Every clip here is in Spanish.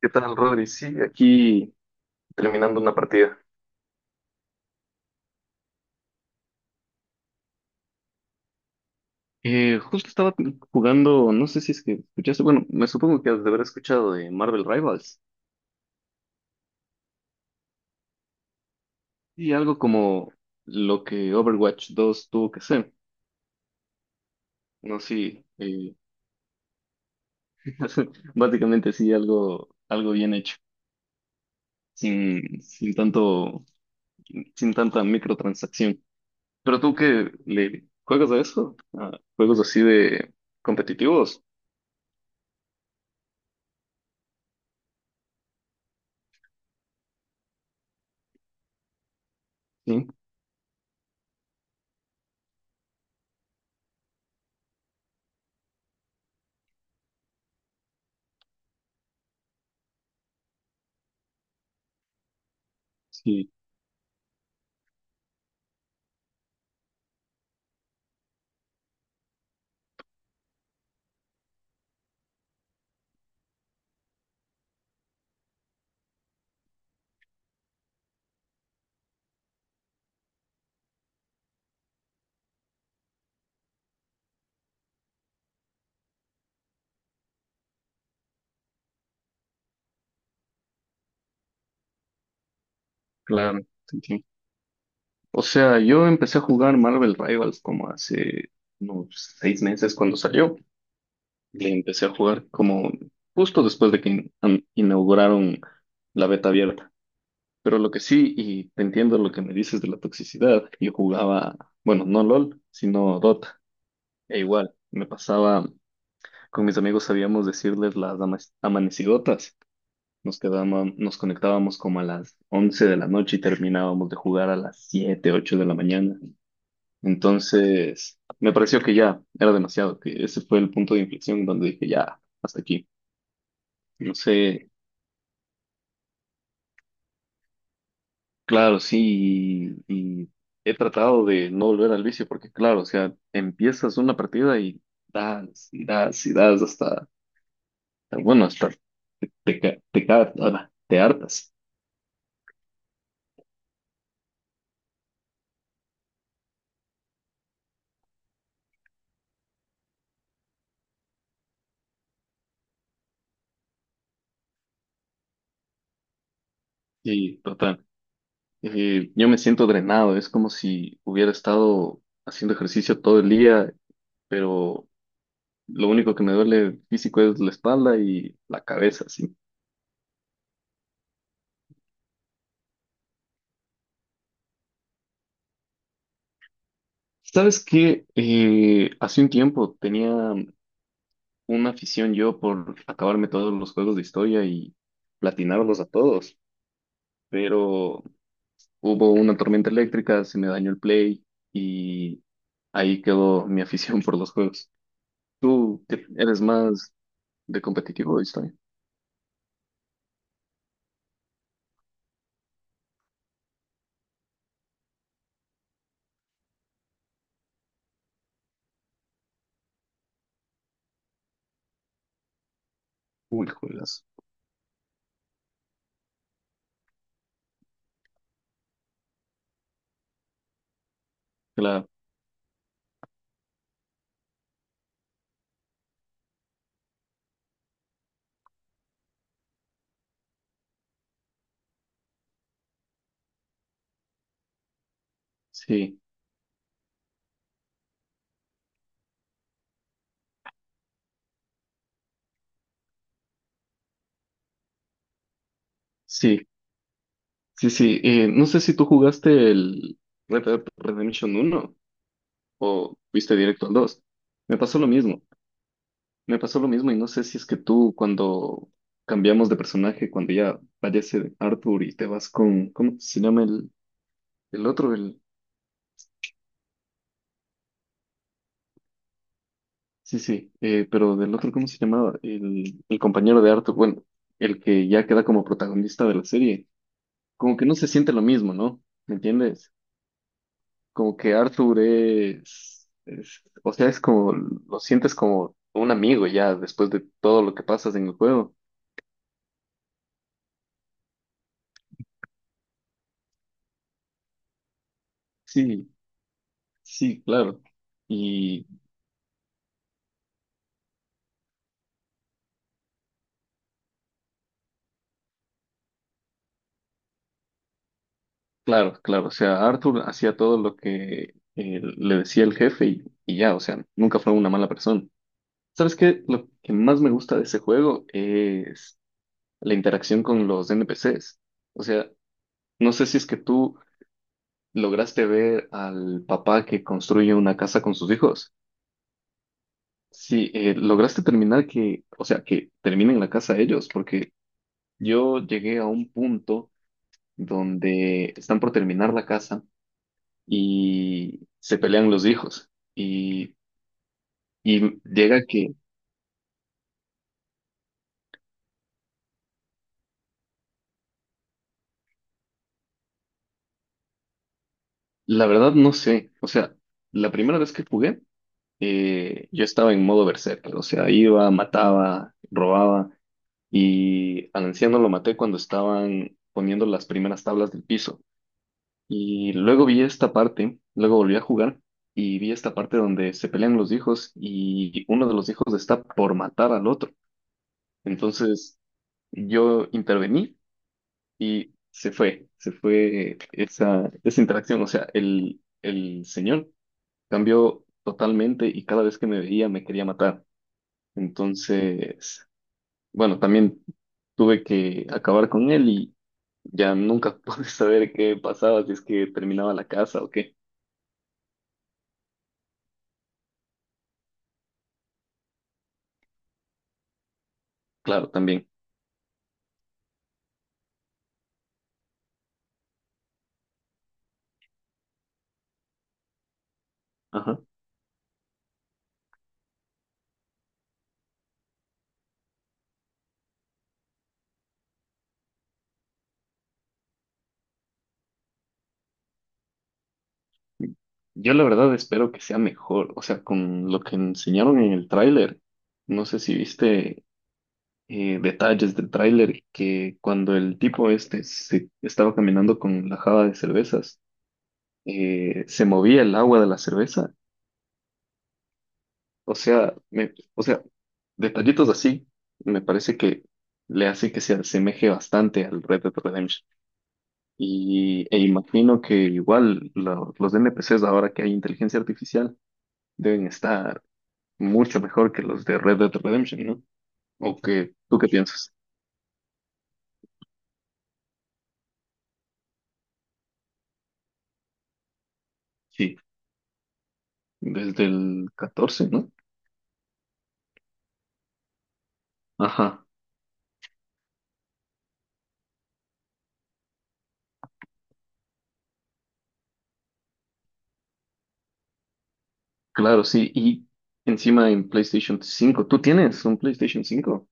¿Qué tal, Rodri? Sí, aquí terminando una partida. Justo estaba jugando, no sé si es que escuchaste, bueno, me supongo que has de haber escuchado de Marvel Rivals y algo como lo que Overwatch 2 tuvo que ser. No, sí, básicamente sí, algo, algo bien hecho, sin tanto, sin tanta microtransacción. Pero tú que le juegas a eso, ¿a juegos así de competitivos? Sí, sí, claro, sí, o sea, yo empecé a jugar Marvel Rivals como hace unos 6 meses cuando salió. Le empecé a jugar como justo después de que inauguraron la beta abierta. Pero lo que sí, y te entiendo lo que me dices de la toxicidad, yo jugaba, bueno, no LOL, sino Dota. E igual, me pasaba, con mis amigos sabíamos decirles las amanecidotas. Nos quedábamos, nos conectábamos como a las 11 de la noche y terminábamos de jugar a las 7, 8 de la mañana. Entonces, me pareció que ya era demasiado, que ese fue el punto de inflexión donde dije, ya, hasta aquí. No sé, claro, sí, y he tratado de no volver al vicio porque, claro, o sea, empiezas una partida y das, y das, y das hasta, bueno, hasta ahora, te hartas. Y total, yo me siento drenado, es como si hubiera estado haciendo ejercicio todo el día, pero lo único que me duele físico es la espalda y la cabeza, sí. ¿Sabes qué? Hace un tiempo tenía una afición yo por acabarme todos los juegos de historia y platinarlos a todos, pero hubo una tormenta eléctrica, se me dañó el Play y ahí quedó mi afición por los juegos. ¿Tú qué- eres más de competitivo o de historia? Uy, juegas. Claro, sí, sí, sí, sí. No sé si tú jugaste el Red Dead Redemption uno o fuiste directo al dos. Me pasó lo mismo, me pasó lo mismo y no sé si es que tú cuando cambiamos de personaje, cuando ya fallece Arthur y te vas con, ¿cómo se llama el otro? El, sí, sí, pero del otro, ¿cómo se llamaba? El compañero de Arthur, bueno, el que ya queda como protagonista de la serie, como que no se siente lo mismo, ¿no? ¿Me entiendes? Como que Arthur es, o sea, es como, lo sientes como un amigo ya después de todo lo que pasas en el juego. Sí, sí, claro. Y claro, claro. O sea, Arthur hacía todo lo que le decía el jefe y ya, o sea, nunca fue una mala persona. ¿Sabes qué? Lo que más me gusta de ese juego es la interacción con los NPCs. O sea, no sé si es que tú lograste ver al papá que construye una casa con sus hijos. Sí, lograste terminar que, o sea, que terminen la casa ellos, porque yo llegué a un punto donde están por terminar la casa y se pelean los hijos. Y, llega que, la verdad no sé, o sea, la primera vez que jugué, yo estaba en modo berserker, o sea, iba, mataba, robaba, y al anciano lo maté cuando estaban poniendo las primeras tablas del piso. Y luego vi esta parte, luego volví a jugar. Y vi esta parte donde se pelean los hijos y uno de los hijos está por matar al otro. Entonces yo intervení y se fue esa, esa interacción. O sea, el señor cambió totalmente y cada vez que me veía me quería matar. Entonces, bueno, también tuve que acabar con él y ya nunca pude saber qué pasaba, si es que terminaba la casa o qué. Claro, también. Ajá. Yo la verdad espero que sea mejor. O sea, con lo que enseñaron en el tráiler, no sé si viste detalles del tráiler que cuando el tipo este se estaba caminando con la java de cervezas, se movía el agua de la cerveza. O sea, o sea, detallitos así me parece que le hace que se asemeje bastante al Red Dead Redemption. Y, e imagino que igual los NPCs ahora que hay inteligencia artificial deben estar mucho mejor que los de Red Dead Redemption, ¿no? ¿O que tú qué piensas? Sí, desde el catorce, ¿no? Ajá. Claro, sí, y encima en PlayStation 5. ¿Tú tienes un PlayStation 5?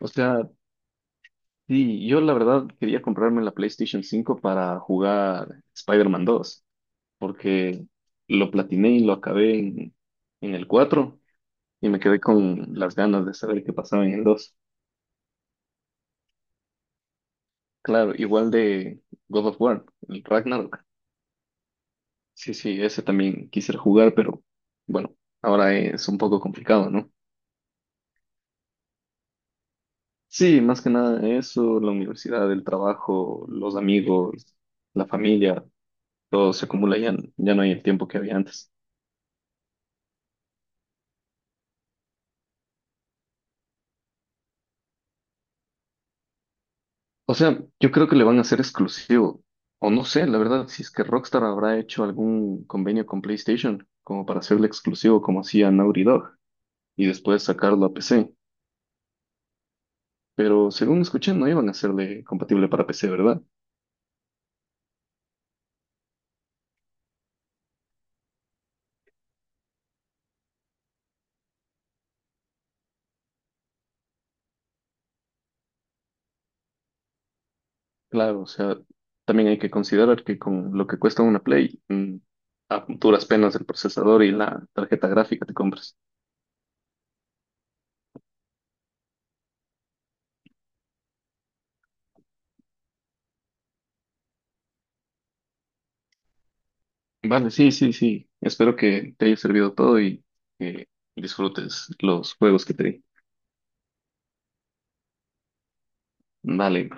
O sea, sí, yo la verdad quería comprarme la PlayStation 5 para jugar Spider-Man 2, porque lo platiné y lo acabé en el 4 y me quedé con las ganas de saber qué pasaba en el dos. Claro, igual de God of War, el Ragnarok. Sí, sí, ese también quisiera jugar, pero bueno, ahora es un poco complicado, ¿no? Sí, más que nada eso, la universidad, el trabajo, los amigos, la familia, todo se acumula, ya, ya no hay el tiempo que había antes. O sea, yo creo que le van a hacer exclusivo, o no sé, la verdad, si es que Rockstar habrá hecho algún convenio con PlayStation como para hacerle exclusivo como hacía Naughty Dog y después sacarlo a PC. Pero según escuché, no iban a hacerle compatible para PC, ¿verdad? Claro, o sea, también hay que considerar que con lo que cuesta una Play, a duras penas el procesador y la tarjeta gráfica te compras. Vale, sí, sí, sí. Espero que te haya servido todo y que disfrutes los juegos que te di. Vale.